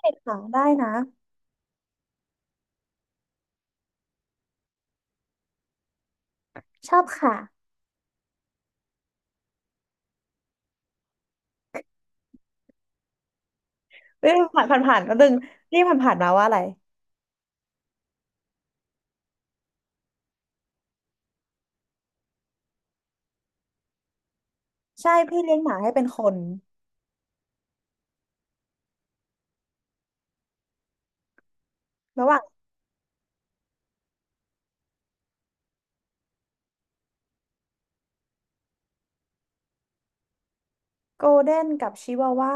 เด็กค่ะได้นะชอบค่ะเอ้ยผ่านผ่านผ่านก็ดึงนี่ผ่านผ่านมาว่าอะไรใช่พี่เลี้ยงหมาให้เป็นคนระหว่างโกลเด้นกับชิวาว่า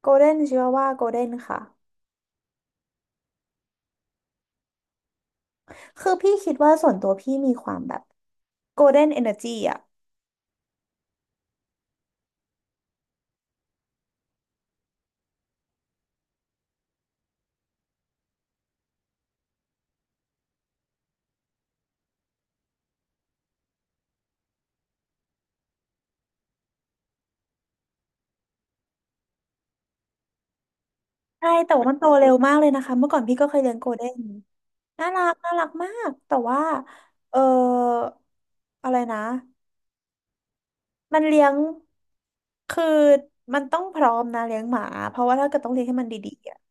โกลเด้นชิวาว่าโกลเด้นค่ะคือพี่คิดว่าส่วนตัวพี่มีความแบบโกลเด้นเอเนอร์จีอ่ะใช่แต่ว่ามันโตเร็วมากเลยนะคะเมื่อก่อนพี่ก็เคยเลี้ยงโกลเด้นน่ารักน่ารักมากแต่ว่าเอออะไรนะมันเลี้ยงคือมันต้องพร้อมนะเลี้ยงหมาเพราะว่าถ้าเกิดต้องเลี้ยงให้มันดีๆ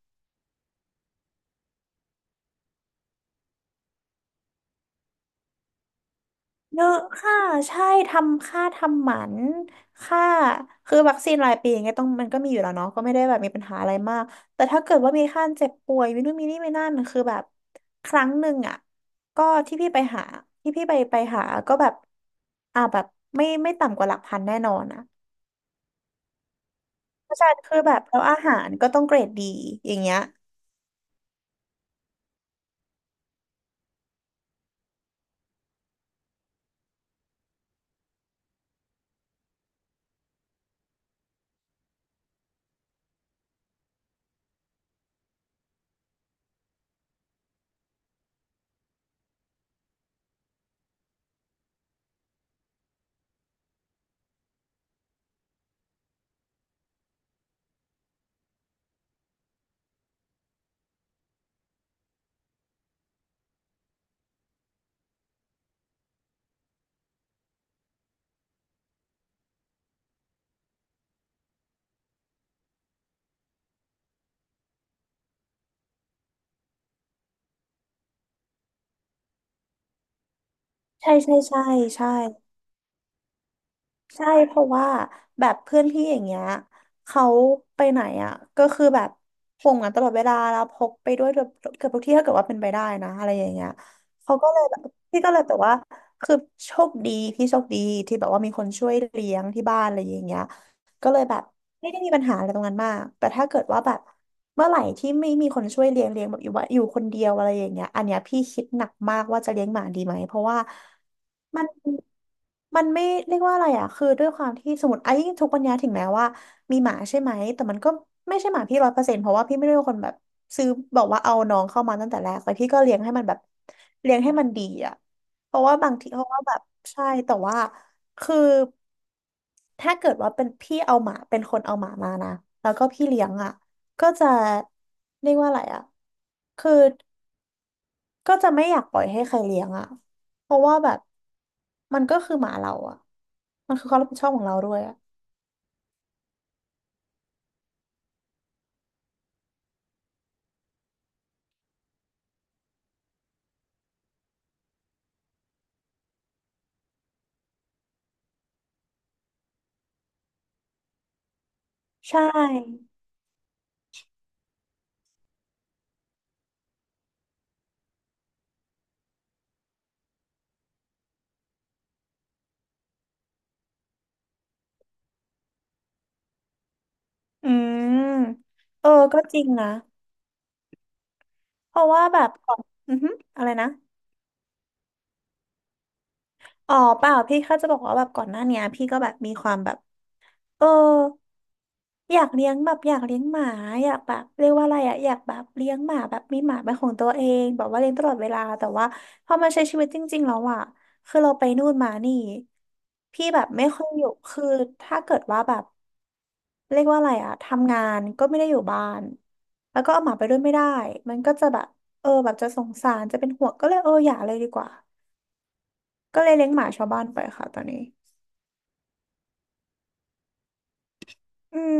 เยอะค่ะใช่ทำค่าทำหมันค่าคือวัคซีนรายปีอย่างเงี้ยต้องมันก็มีอยู่แล้วเนาะก็ไม่ได้แบบมีปัญหาอะไรมากแต่ถ้าเกิดว่ามีค่าเจ็บป่วยมีนู่นมีนี่มีนั่นคือแบบครั้งหนึ่งอ่ะก็ที่พี่ไปหาที่พี่ไปหาก็แบบอ่าแบบไม่ต่ำกว่าหลักพันแน่นอนอ่ะเพราะฉะนั้นคือแบบแล้วอาหารก็ต้องเกรดดีอย่างเงี้ยใช่ใช่ใช่ใช่ ใช่เพราะว่าแบบเพื่อนพี่อย่างเงี้ยเขาไปไหนอ่ะก็คือแบบห่วงกันตลอดเวลาแล้วพกไปด้วยเกือบเกือบทุกที่ถ้าเกิดว่าเป็นไปได้นะอะไรอย่างเงี้ยเขาก็เลยแบบพี่ก็เลยแต่ว่าคือโชคดีพี่โชคดีที่แบบว่ามีคนช่วยเลี้ยงที่บ้านอะไรอย่างเงี้ย ก็เลยแบบไม่ได้มีปัญหาอะไรตรงนั้นมากแต่ถ้าเกิดว่าแบบเมื่อไหร่ที่ไม่มีคนช่วยเลี้ยงแบบอยู่ว่าอยู่คนเดียวอะไรอย่างเงี้ยอันเนี้ยพี่คิดหนักมากว่าจะเลี้ยงหมาดีไหมเพราะว่ามันมันไม่เรียกว่าอะไรอ่ะคือด้วยความที่สมมติไอ้ยิ่งทุกวันนี้ถึงแม้ว่ามีหมาใช่ไหมแต่มันก็ไม่ใช่หมาพี่100%เพราะว่าพี่ไม่ได้เป็นคนแบบซื้อบอกว่าเอาน้องเข้ามาตั้งแต่แรกแต่พี่ก็เลี้ยงให้มันแบบเลี้ยงให้มันดีอ่ะ เพราะว่าบางทีเพราะว่าแบบใช่แต่ว่าคือถ้าเกิดว่าเป็นพี่เอาหมาเป็นคนเอาหมามานะแล้วก็พี่เลี้ยงอ่ะก็จะเรียกว่าอะไรอ่ะคือก็จะไม่อยากปล่อยให้ใครเลี้ยงอ่ะเพราะว่าแบบมันก็คือหมาเราอ่ะมันคือความรับผิดชอบของเราด้วยอ่ะใช่อืมเออก็จริงนะเพราะว่าแบบก่อนอือฮึอะไรนะอ๋อเปล่าพี่แค่จะบอกว่าแบบก่อนหน้าเนี้ยพี่ก็แบบมีความแบบ เอออยากเลี้ยงแบบอยากเลี้ยงหมาอยากแบบเรียกว่าอะไรอะอยากแบบเลี้ยงหมาแบบมีหมาเป็นของตัวเองแบบว่าเลี้ยงตลอดเวลาแต่ว่าพอมาใช้ชีวิตจริงๆแล้วอะคือเราไปนู่นมานี่พี่แบบไม่ค่อยอยู่คือถ้าเกิดว่าแบบเรียกว่าอะไรอะทำงานก็ไม่ได้อยู่บ้านแล้วก็เอาหมาไปด้วยไม่ได้มันก็จะแบบเออแบบจะสงสารจะเป็นห่วงก็เลยเอออย่าเลยดีกว่าก็เลยเลี้ยงหมาชาวบ้านไปค่ะตอนนี้อืม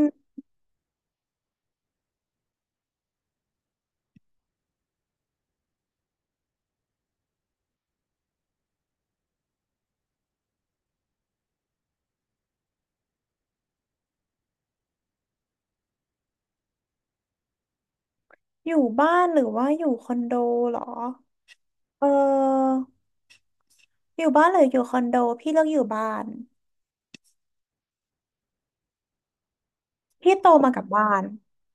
อยู่บ้านหรือว่าอยู่คอนโดเหรอ เอออยู่บ้านหรืออยู่คอนโดพี่เลือกอยู่บ้านพี่โตมากับบ้าน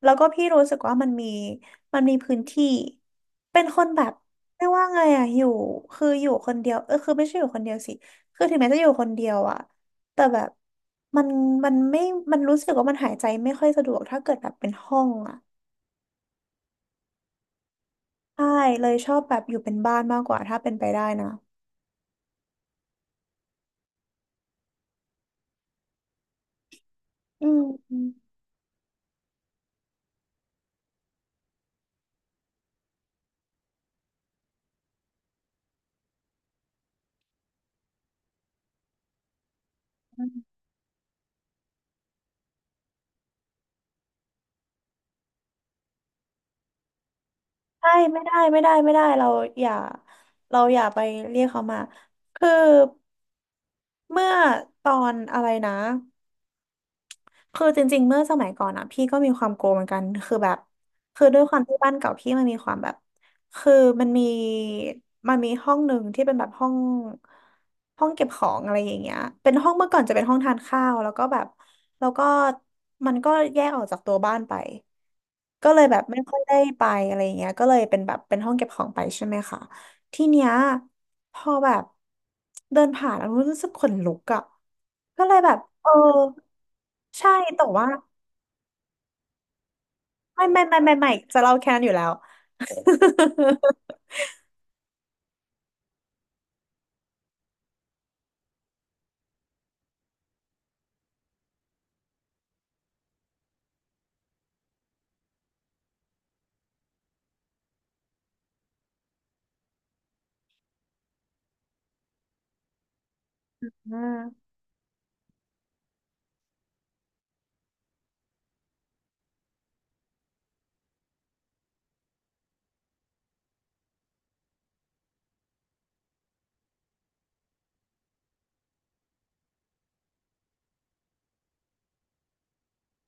แล้วก็พี่รู้สึกว่ามันมีพื้นที่เป็นคนแบบเรียกว่าไงอะอยู่คืออยู่คนเดียวเออคือไม่ใช่อยู่คนเดียวสิคือถึงแม้จะอยู่คนเดียวอะแต่แบบมันมันไม่มันรู้สึกว่ามันหายใจไม่ค่อยสะดวกถ้าเกิดแบบเป็นห้องอะใช่เลยชอบแบบอยู่เป็นบ้านมากกว่าถ้าเป็นไปได้นะอืม ใช่ไม่ได้ไม่ได้ไม่ได้เราอย่าเราอย่าไปเรียกเขามาคือเมื่อตอนอะไรนะคือจริงๆเมื่อสมัยก่อนอ่ะพี่ก็มีความโกงเหมือนกันคือแบบคือด้วยความที่บ้านเก่าพี่มันมีความแบบคือมันมีมันมีห้องหนึ่งที่เป็นแบบห้องห้องเก็บของอะไรอย่างเงี้ยเป็นห้องเมื่อก่อนจะเป็นห้องทานข้าวแล้วก็แบบแล้วก็มันก็แยกออกจากตัวบ้านไป ก็เลยแบบไม่ค่อยได้ไปอะไรอย่างเงี้ยก็เลยเป็นแบบเป็นห้องเก็บของไปใช่ไหมคะทีเนี้ยพอแบบเดินผ่านแล้วรู้สึกขนลุกอ่ะก็เลยแบบเออใช่แต่ว่าไม่จะเล่าแค่นั้นอยู่แล้ว อืม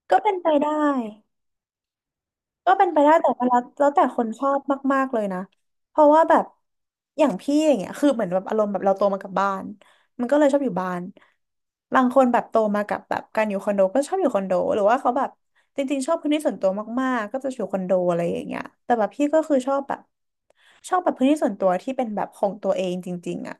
ก็เป็นไปได้ ก็เป็นไปได้แต่ว่าแล้วแต่คนชอบมากๆเลยนะเพราะว่าแบบอย่างพี่อย่างเงี้ยคือเหมือนแบบอารมณ์แบบเราโตมากับบ้านมันก็เลยชอบอยู่บ้านบางคนแบบโตมากับแบบการอยู่คอนโดก็ชอบอยู่คอนโดหรือว่าเขาแบบจริงๆชอบพื้นที่ส่วนตัวมากๆก็จะอยู่คอนโดอะไรอย่างเงี้ยแต่แบบพี่ก็คือชอบแบบชอบแบบพื้นที่ส่วนตัวที่เป็นแบบของตัวเองจริงๆอ่ะ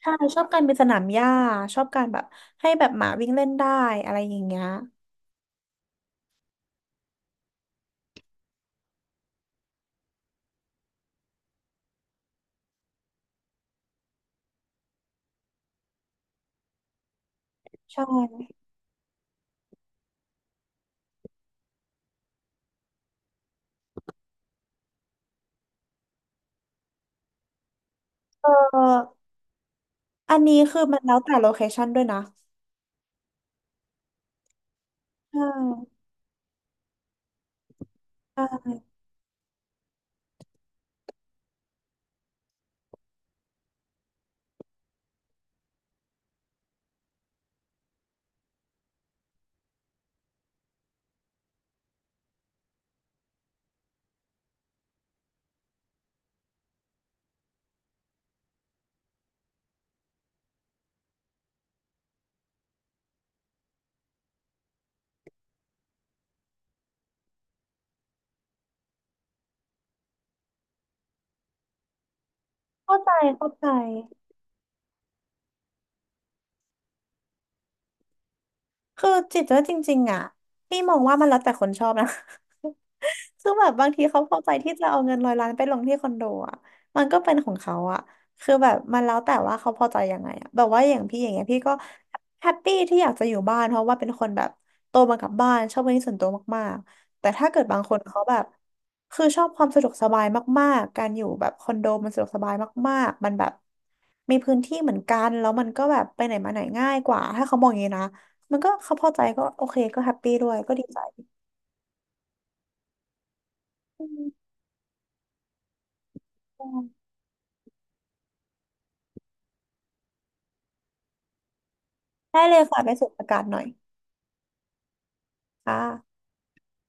ใช่ชอบการเป็นสนามหญ้าชอบการแบบให้แบบหมาวิ่งเล่นได้อะไรอย่างเงี้ยใช่เอออันนี้คือมันแล้วแต่โลเคชันด้วยนะ ใช่ใช่เข้าใจเข้าใจคือจิตว่าจริงๆอ่ะพี่มองว่ามันแล้วแต่คนชอบนะ ซึ่งแบบบางทีเขาพอใจที่จะเอาเงินร้อยล้านไปลงที่คอนโดอ่ะมันก็เป็นของเขาอ่ะคือแบบมันแล้วแต่ว่าเขาพอใจยังไงอ่ะแบบว่าอย่างพี่อย่างเงี้ยพี่ก็แฮปปี้ที่อยากจะอยู่บ้านเพราะว่าเป็นคนแบบโตมากับบ้านชอบพื้นที่ส่วนตัวมากๆแต่ถ้าเกิดบางคนเขาแบบคือชอบความสะดวกสบายมากๆการอยู่แบบคอนโดมันสะดวกสบายมากๆมันแบบมีพื้นที่เหมือนกันแล้วมันก็แบบไปไหนมาไหนง่ายกว่าถ้าเขามองอย่างนี้นะมันก็เขาพอใจก็โอเคก็แฮปปี้ด้วยก็ดีใจอืม ได้เลยค่ะไปสูดอากาศหน่อยค่ะ